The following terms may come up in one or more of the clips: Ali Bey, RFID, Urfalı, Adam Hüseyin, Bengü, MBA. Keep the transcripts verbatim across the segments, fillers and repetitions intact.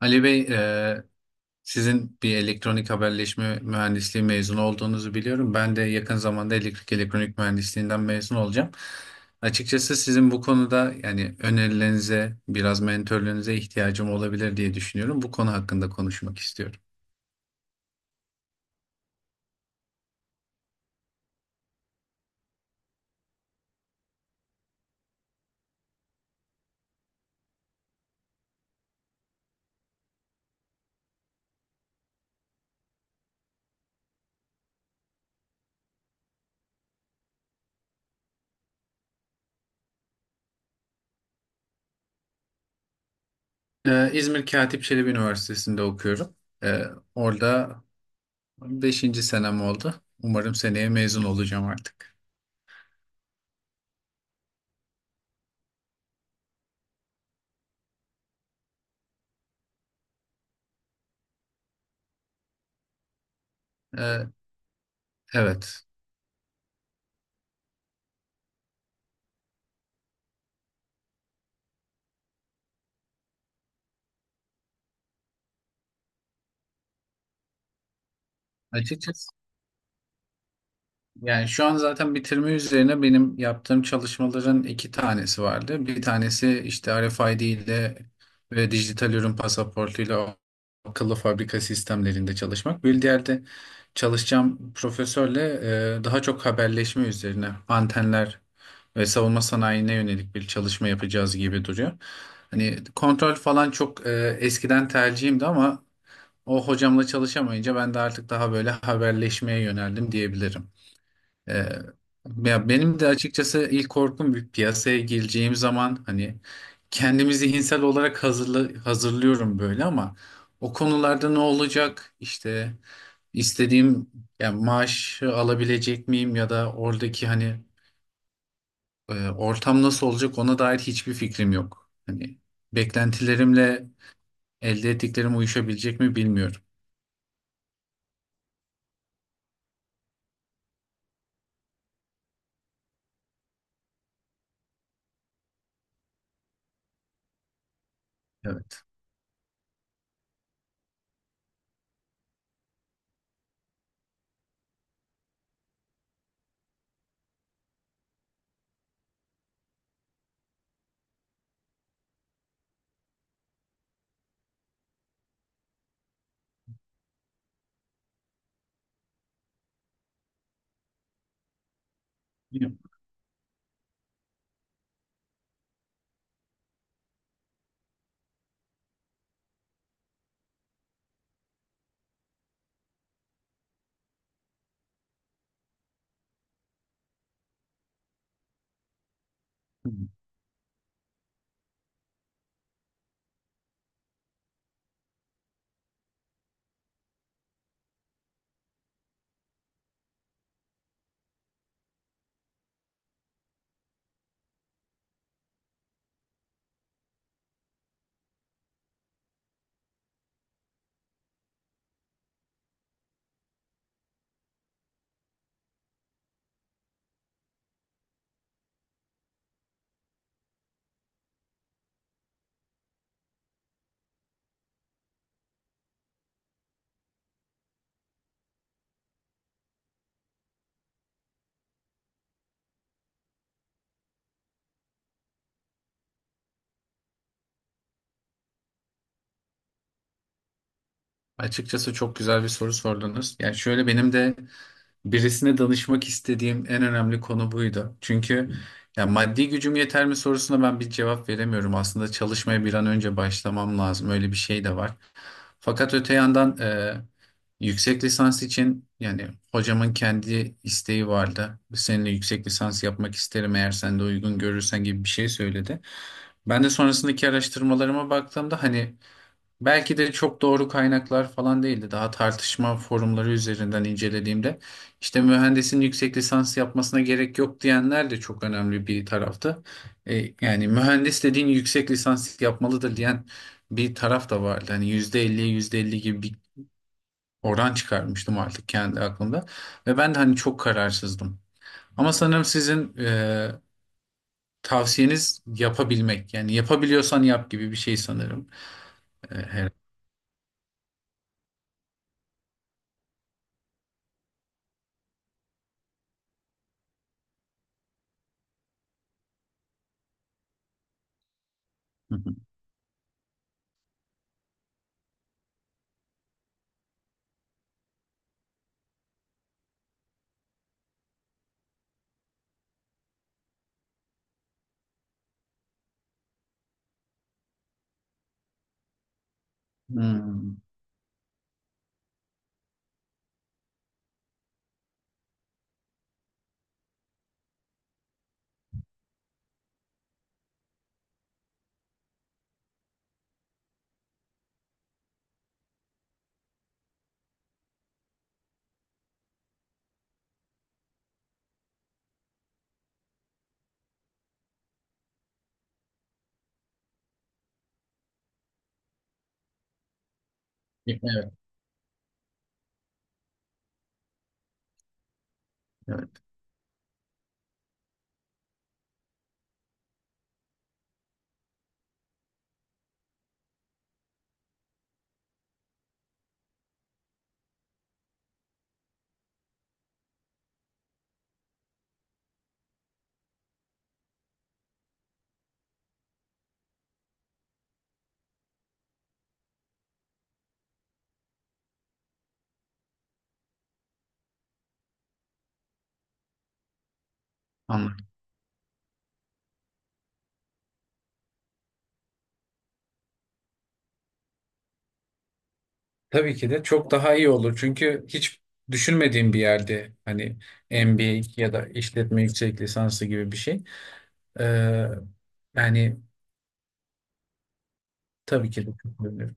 Ali Bey, e, sizin bir elektronik haberleşme mühendisliği mezunu olduğunuzu biliyorum. Ben de yakın zamanda elektrik elektronik mühendisliğinden mezun olacağım. Açıkçası sizin bu konuda yani önerilerinize, biraz mentörlüğünüze ihtiyacım olabilir diye düşünüyorum. Bu konu hakkında konuşmak istiyorum. E, İzmir Katip Çelebi Üniversitesi'nde okuyorum. E, Orada beşinci senem oldu. Umarım seneye mezun olacağım artık. E, evet. Açıkçası. Yani şu an zaten bitirme üzerine benim yaptığım çalışmaların iki tanesi vardı. Bir tanesi işte R F I D ile ve dijital ürün pasaportuyla akıllı fabrika sistemlerinde çalışmak. Bir diğer de çalışacağım profesörle e, daha çok haberleşme üzerine antenler ve savunma sanayine yönelik bir çalışma yapacağız gibi duruyor. Hani kontrol falan çok e, eskiden tercihimdi ama o hocamla çalışamayınca ben de artık daha böyle haberleşmeye yöneldim diyebilirim. Ee, Ya benim de açıkçası ilk korkum bir piyasaya gireceğim zaman hani kendimi zihinsel olarak hazırla, hazırlıyorum böyle ama o konularda ne olacak işte istediğim yani maaşı alabilecek miyim ya da oradaki hani e, ortam nasıl olacak ona dair hiçbir fikrim yok. Hani beklentilerimle elde ettiklerim uyuşabilecek mi bilmiyorum. Evet. Bilmiyorum. Açıkçası çok güzel bir soru sordunuz. Yani şöyle, benim de birisine danışmak istediğim en önemli konu buydu. Çünkü ya maddi gücüm yeter mi sorusuna ben bir cevap veremiyorum. Aslında çalışmaya bir an önce başlamam lazım. Öyle bir şey de var. Fakat öte yandan e, yüksek lisans için yani hocamın kendi isteği vardı. Seninle yüksek lisans yapmak isterim eğer sen de uygun görürsen gibi bir şey söyledi. Ben de sonrasındaki araştırmalarıma baktığımda hani belki de çok doğru kaynaklar falan değildi. Daha tartışma forumları üzerinden incelediğimde işte mühendisin yüksek lisans yapmasına gerek yok diyenler de çok önemli bir tarafta. E, Yani mühendis dediğin yüksek lisans yapmalıdır diyen bir taraf da vardı. Hani yüzde elliye yüzde elli gibi bir oran çıkarmıştım artık kendi aklımda. Ve ben de hani çok kararsızdım. Ama sanırım sizin e, tavsiyeniz yapabilmek. Yani yapabiliyorsan yap gibi bir şey sanırım. E, her... Hı hı. Hmm. Evet, anladım. Tabii ki de çok daha iyi olur. Çünkü hiç düşünmediğim bir yerde hani M B A ya da işletme yüksek lisansı gibi bir şey. Ee, Yani tabii ki de çok önemli.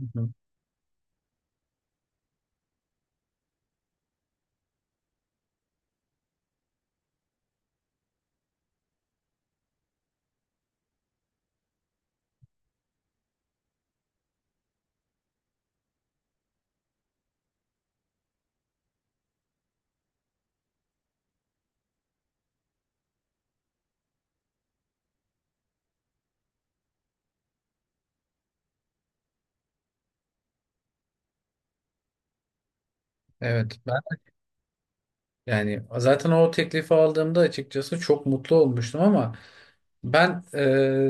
Hı hı. Evet ben yani zaten o teklifi aldığımda açıkçası çok mutlu olmuştum ama ben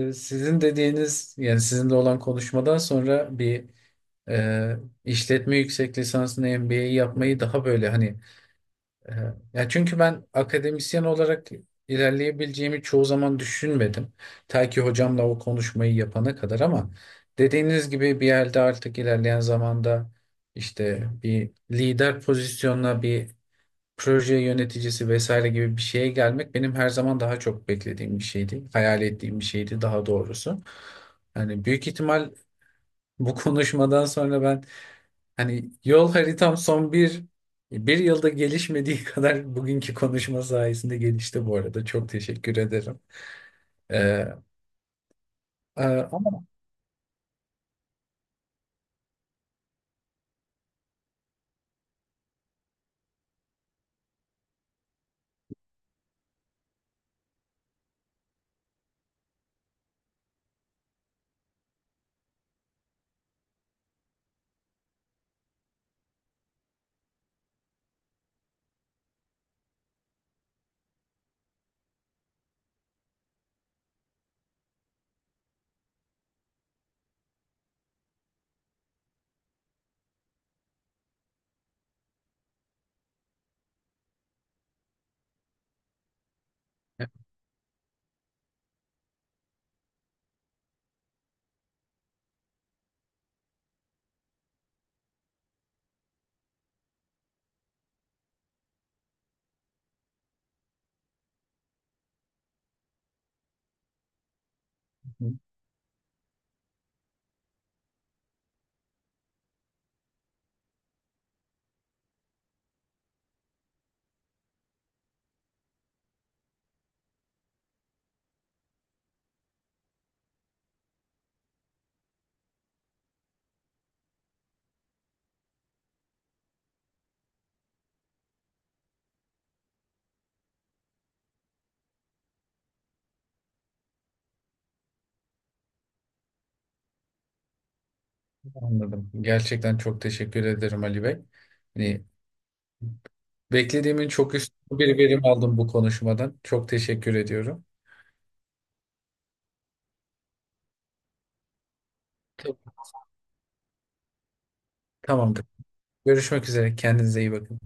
e, sizin dediğiniz yani sizinle olan konuşmadan sonra bir e, işletme yüksek lisansını M B A'yi yapmayı daha böyle hani. Aha. Ya çünkü ben akademisyen olarak ilerleyebileceğimi çoğu zaman düşünmedim. Ta ki hocamla o konuşmayı yapana kadar, ama dediğiniz gibi bir yerde artık ilerleyen zamanda işte bir lider pozisyonuna, bir proje yöneticisi vesaire gibi bir şeye gelmek benim her zaman daha çok beklediğim bir şeydi. Hayal ettiğim bir şeydi daha doğrusu. Yani büyük ihtimal bu konuşmadan sonra ben, hani yol haritam son bir bir yılda gelişmediği kadar bugünkü konuşma sayesinde gelişti bu arada. Çok teşekkür ederim. Ee, e, Ama anladım. Gerçekten çok teşekkür ederim Ali Bey. Hani beklediğimin çok üstü bir verim aldım bu konuşmadan. Çok teşekkür ediyorum. Tamamdır. Görüşmek üzere. Kendinize iyi bakın.